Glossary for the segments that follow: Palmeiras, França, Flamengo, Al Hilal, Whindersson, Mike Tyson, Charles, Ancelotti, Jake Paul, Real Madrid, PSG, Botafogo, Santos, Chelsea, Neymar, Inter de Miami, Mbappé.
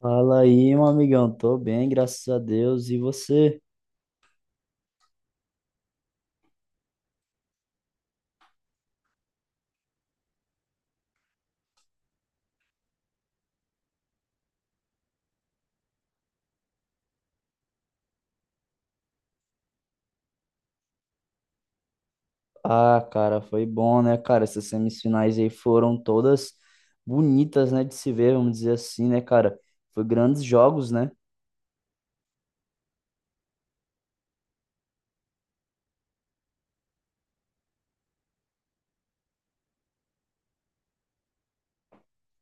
Fala aí, meu amigão. Tô bem, graças a Deus. E você? Ah, cara, foi bom, né, cara? Essas semifinais aí foram todas bonitas, né, de se ver, vamos dizer assim, né, cara? Foi grandes jogos, né?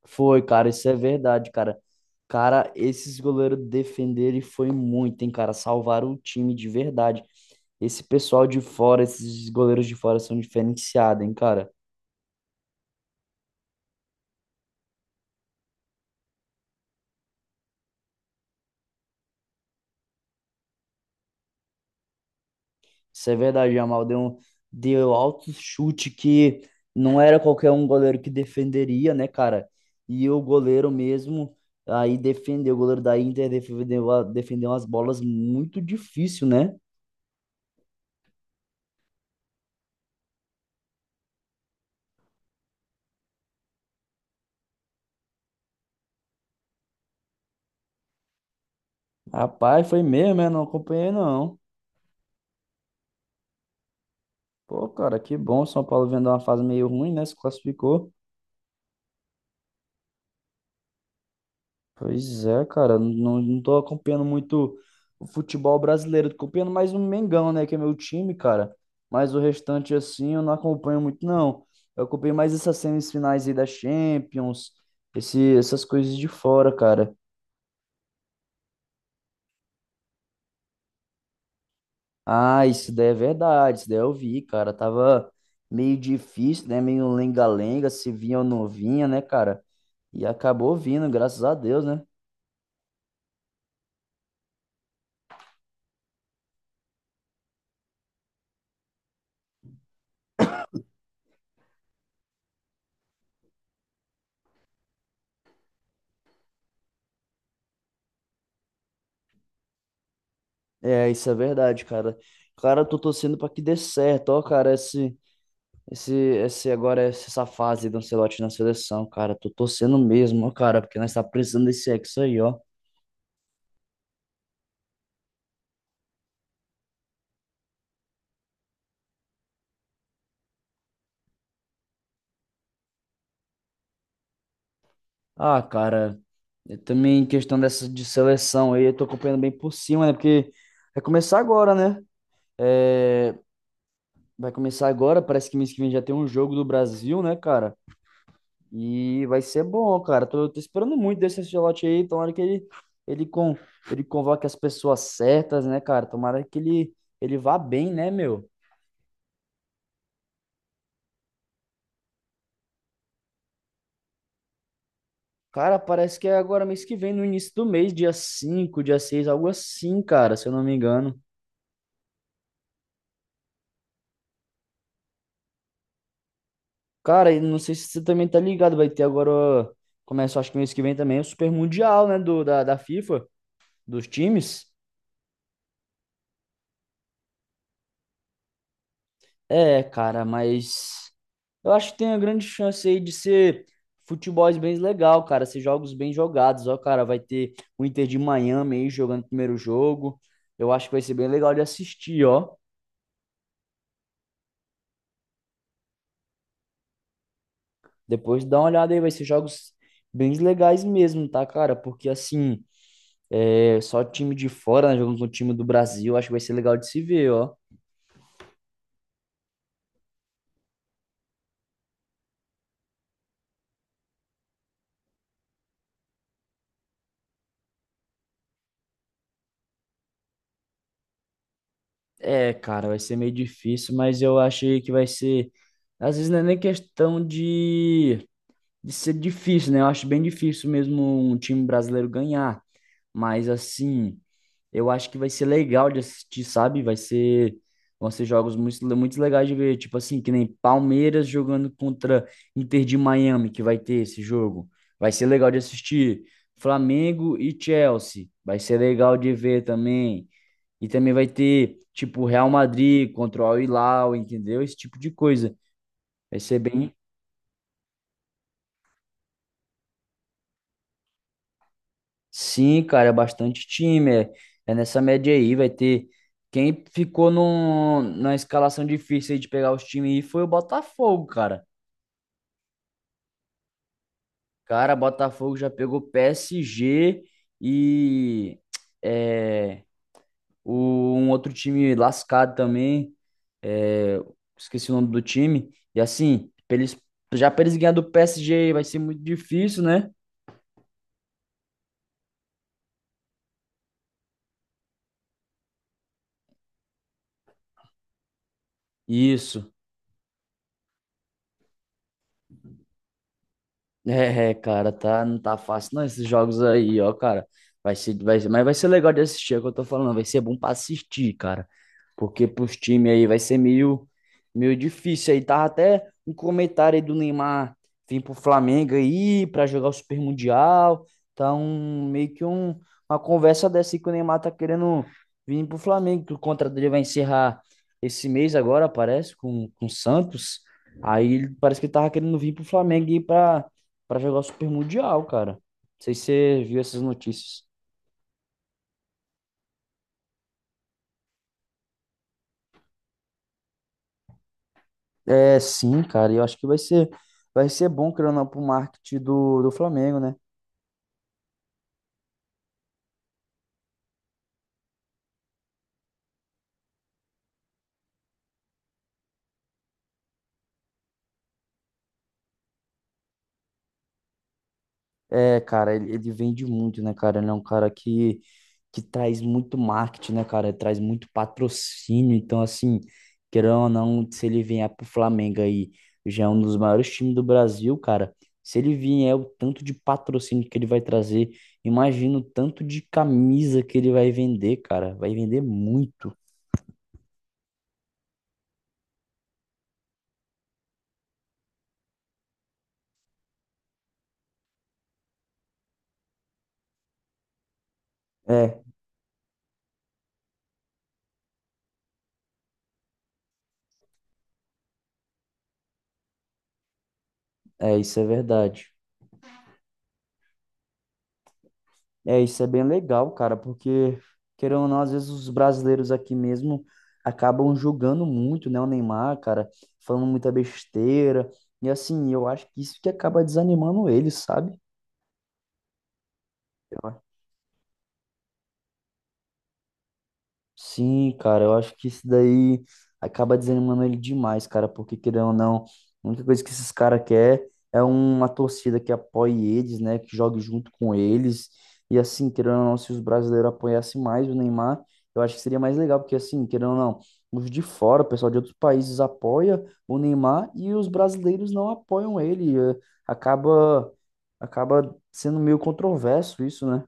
Foi, cara, isso é verdade, cara. Cara, esses goleiros defenderam e foi muito, hein, cara? Salvaram o time de verdade. Esse pessoal de fora, esses goleiros de fora são diferenciados, hein, cara? Isso é verdade, Jamal. Deu, deu alto chute que não era qualquer um goleiro que defenderia, né, cara? E o goleiro mesmo aí defendeu. O goleiro da Inter defendeu, defendeu umas bolas muito difícil, né? Rapaz, foi mesmo, né? Não acompanhei, não. Pô, cara, que bom. São Paulo vendo uma fase meio ruim, né? Se classificou. Pois é, cara, não tô acompanhando muito o futebol brasileiro, tô acompanhando mais o Mengão, né, que é meu time, cara, mas o restante, assim, eu não acompanho muito, não. Eu acompanho mais essas semifinais aí da Champions, essas coisas de fora, cara. Ah, isso daí é verdade, isso daí eu vi, cara, tava meio difícil, né, meio lenga-lenga, se vinha ou não vinha, né, cara, e acabou vindo, graças a Deus, né. É, isso é verdade, cara. Cara, eu tô torcendo pra que dê certo, ó, cara, esse... Esse, esse agora, essa fase do Ancelotti na seleção, cara, tô torcendo mesmo, ó, cara, porque nós tá precisando desse ex aí, ó. Ah, cara, eu também em questão dessa de seleção aí, eu tô acompanhando bem por cima, né? Porque vai começar agora, né? É, vai começar agora, parece que mês que vem já tem um jogo do Brasil, né, cara? E vai ser bom, cara. Tô esperando muito desse Ancelotti aí, tomara que ele, ele, con, ele convoque as pessoas certas, né, cara? Tomara que ele vá bem, né, meu? Cara, parece que é agora mês que vem, no início do mês, dia 5, dia 6, algo assim, cara, se eu não me engano. Cara, e não sei se você também tá ligado, vai ter agora, ó, começa acho que mês que vem também, o Super Mundial, né, da FIFA, dos times. É, cara, mas eu acho que tem a grande chance aí de ser futebol bem legal, cara, ser jogos bem jogados. Ó, cara, vai ter o Inter de Miami aí jogando o primeiro jogo. Eu acho que vai ser bem legal de assistir, ó. Depois dá uma olhada aí, vai ser jogos bem legais mesmo, tá, cara? Porque assim, é só time de fora, né? Jogando com o time do Brasil, acho que vai ser legal de se ver, ó. É, cara, vai ser meio difícil, mas eu achei que vai ser. Às vezes não é nem questão de ser difícil, né? Eu acho bem difícil mesmo um time brasileiro ganhar. Mas assim, eu acho que vai ser legal de assistir, sabe? Vai ser, vão ser jogos muito, muito legais de ver, tipo assim, que nem Palmeiras jogando contra Inter de Miami, que vai ter esse jogo. Vai ser legal de assistir. Flamengo e Chelsea, vai ser legal de ver também. E também vai ter, tipo, Real Madrid contra o Al Hilal, entendeu? Esse tipo de coisa. Vai ser bem Sim, cara, é bastante time. É, é nessa média aí. Vai ter. Quem ficou no, na escalação difícil aí de pegar os times aí foi o Botafogo, cara. Cara, Botafogo já pegou PSG e é, o, um outro time lascado também. É, esqueci o nome do time. E assim, pra eles, já para eles ganhar do PSG vai ser muito difícil, né? Isso. É, é, cara, tá, não tá fácil não esses jogos aí, ó, cara. Vai ser, mas vai ser legal de assistir, é o que eu tô falando, vai ser bom pra assistir, cara. Porque pros times aí vai ser meio, meio difícil aí. Tava até um comentário aí do Neymar vir pro Flamengo aí pra jogar o Super Mundial. Tá um, meio que um, uma conversa dessa aí que o Neymar tá querendo vir pro Flamengo, que o contrato dele vai encerrar esse mês agora, parece, com o Santos. Aí ele parece que ele tava querendo vir pro Flamengo e ir pra jogar o Super Mundial, cara. Não sei se você viu essas notícias. É, sim, cara, eu acho que vai ser bom, querendo ou não, pro marketing do Flamengo, né? É, cara, ele vende muito, né, cara? Ele é um cara que traz muito marketing, né, cara? Traz muito patrocínio. Então, assim, querendo ou não, se ele vier pro Flamengo aí, já é um dos maiores times do Brasil, cara. Se ele vier, é o tanto de patrocínio que ele vai trazer, imagina o tanto de camisa que ele vai vender, cara. Vai vender muito. É, é, isso é verdade. É, isso é bem legal, cara, porque, querendo ou não, às vezes os brasileiros aqui mesmo acabam julgando muito, né, o Neymar, cara, falando muita besteira, e assim, eu acho que isso que acaba desanimando ele, sabe? Sim, cara, eu acho que isso daí acaba desanimando ele demais, cara, porque querendo ou não, a única coisa que esses caras quer é uma torcida que apoie eles, né, que jogue junto com eles. E assim, querendo ou não, se os brasileiros apoiassem mais o Neymar, eu acho que seria mais legal, porque assim, querendo ou não, os de fora, o pessoal de outros países apoia o Neymar e os brasileiros não apoiam ele. Acaba sendo meio controverso isso, né?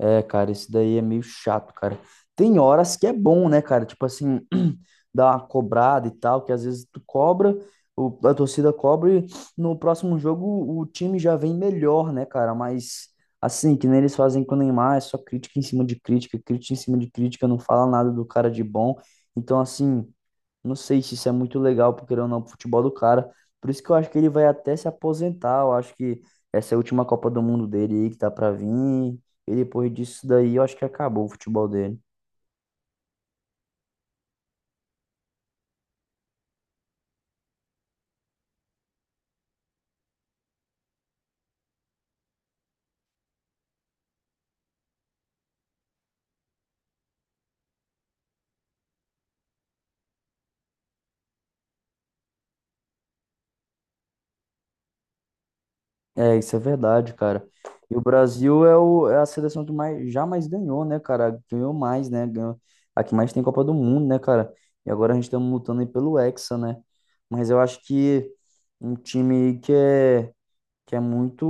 É, cara, esse daí é meio chato, cara. Tem horas que é bom, né, cara? Tipo assim, dar uma cobrada e tal, que às vezes tu cobra, a torcida cobra e no próximo jogo o time já vem melhor, né, cara? Mas assim, que nem eles fazem com o Neymar, é só crítica em cima de crítica, crítica em cima de crítica, não fala nada do cara de bom. Então, assim, não sei se isso é muito legal, porque ou não, pro futebol do cara. Por isso que eu acho que ele vai até se aposentar. Eu acho que essa é a última Copa do Mundo dele aí que tá pra vir. E depois disso daí, eu acho que acabou o futebol dele. É, isso é verdade, cara. E o Brasil é, é a seleção que mais, já mais ganhou, né, cara? Ganhou mais, né? Ganhou, a que mais tem Copa do Mundo, né, cara? E agora a gente tá lutando aí pelo Hexa, né? Mas eu acho que um time que é muito,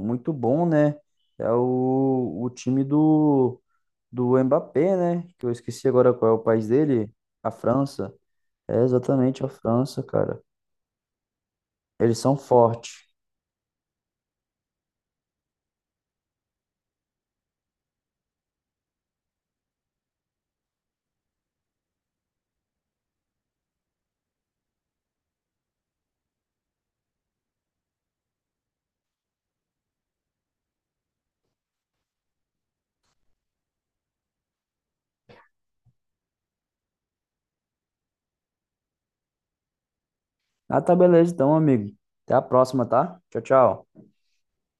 muito bom, né? É o time do, do Mbappé, né? Que eu esqueci agora qual é o país dele. A França. É exatamente a França, cara. Eles são fortes. Ah, tá beleza então, amigo. Até a próxima, tá? Tchau, tchau.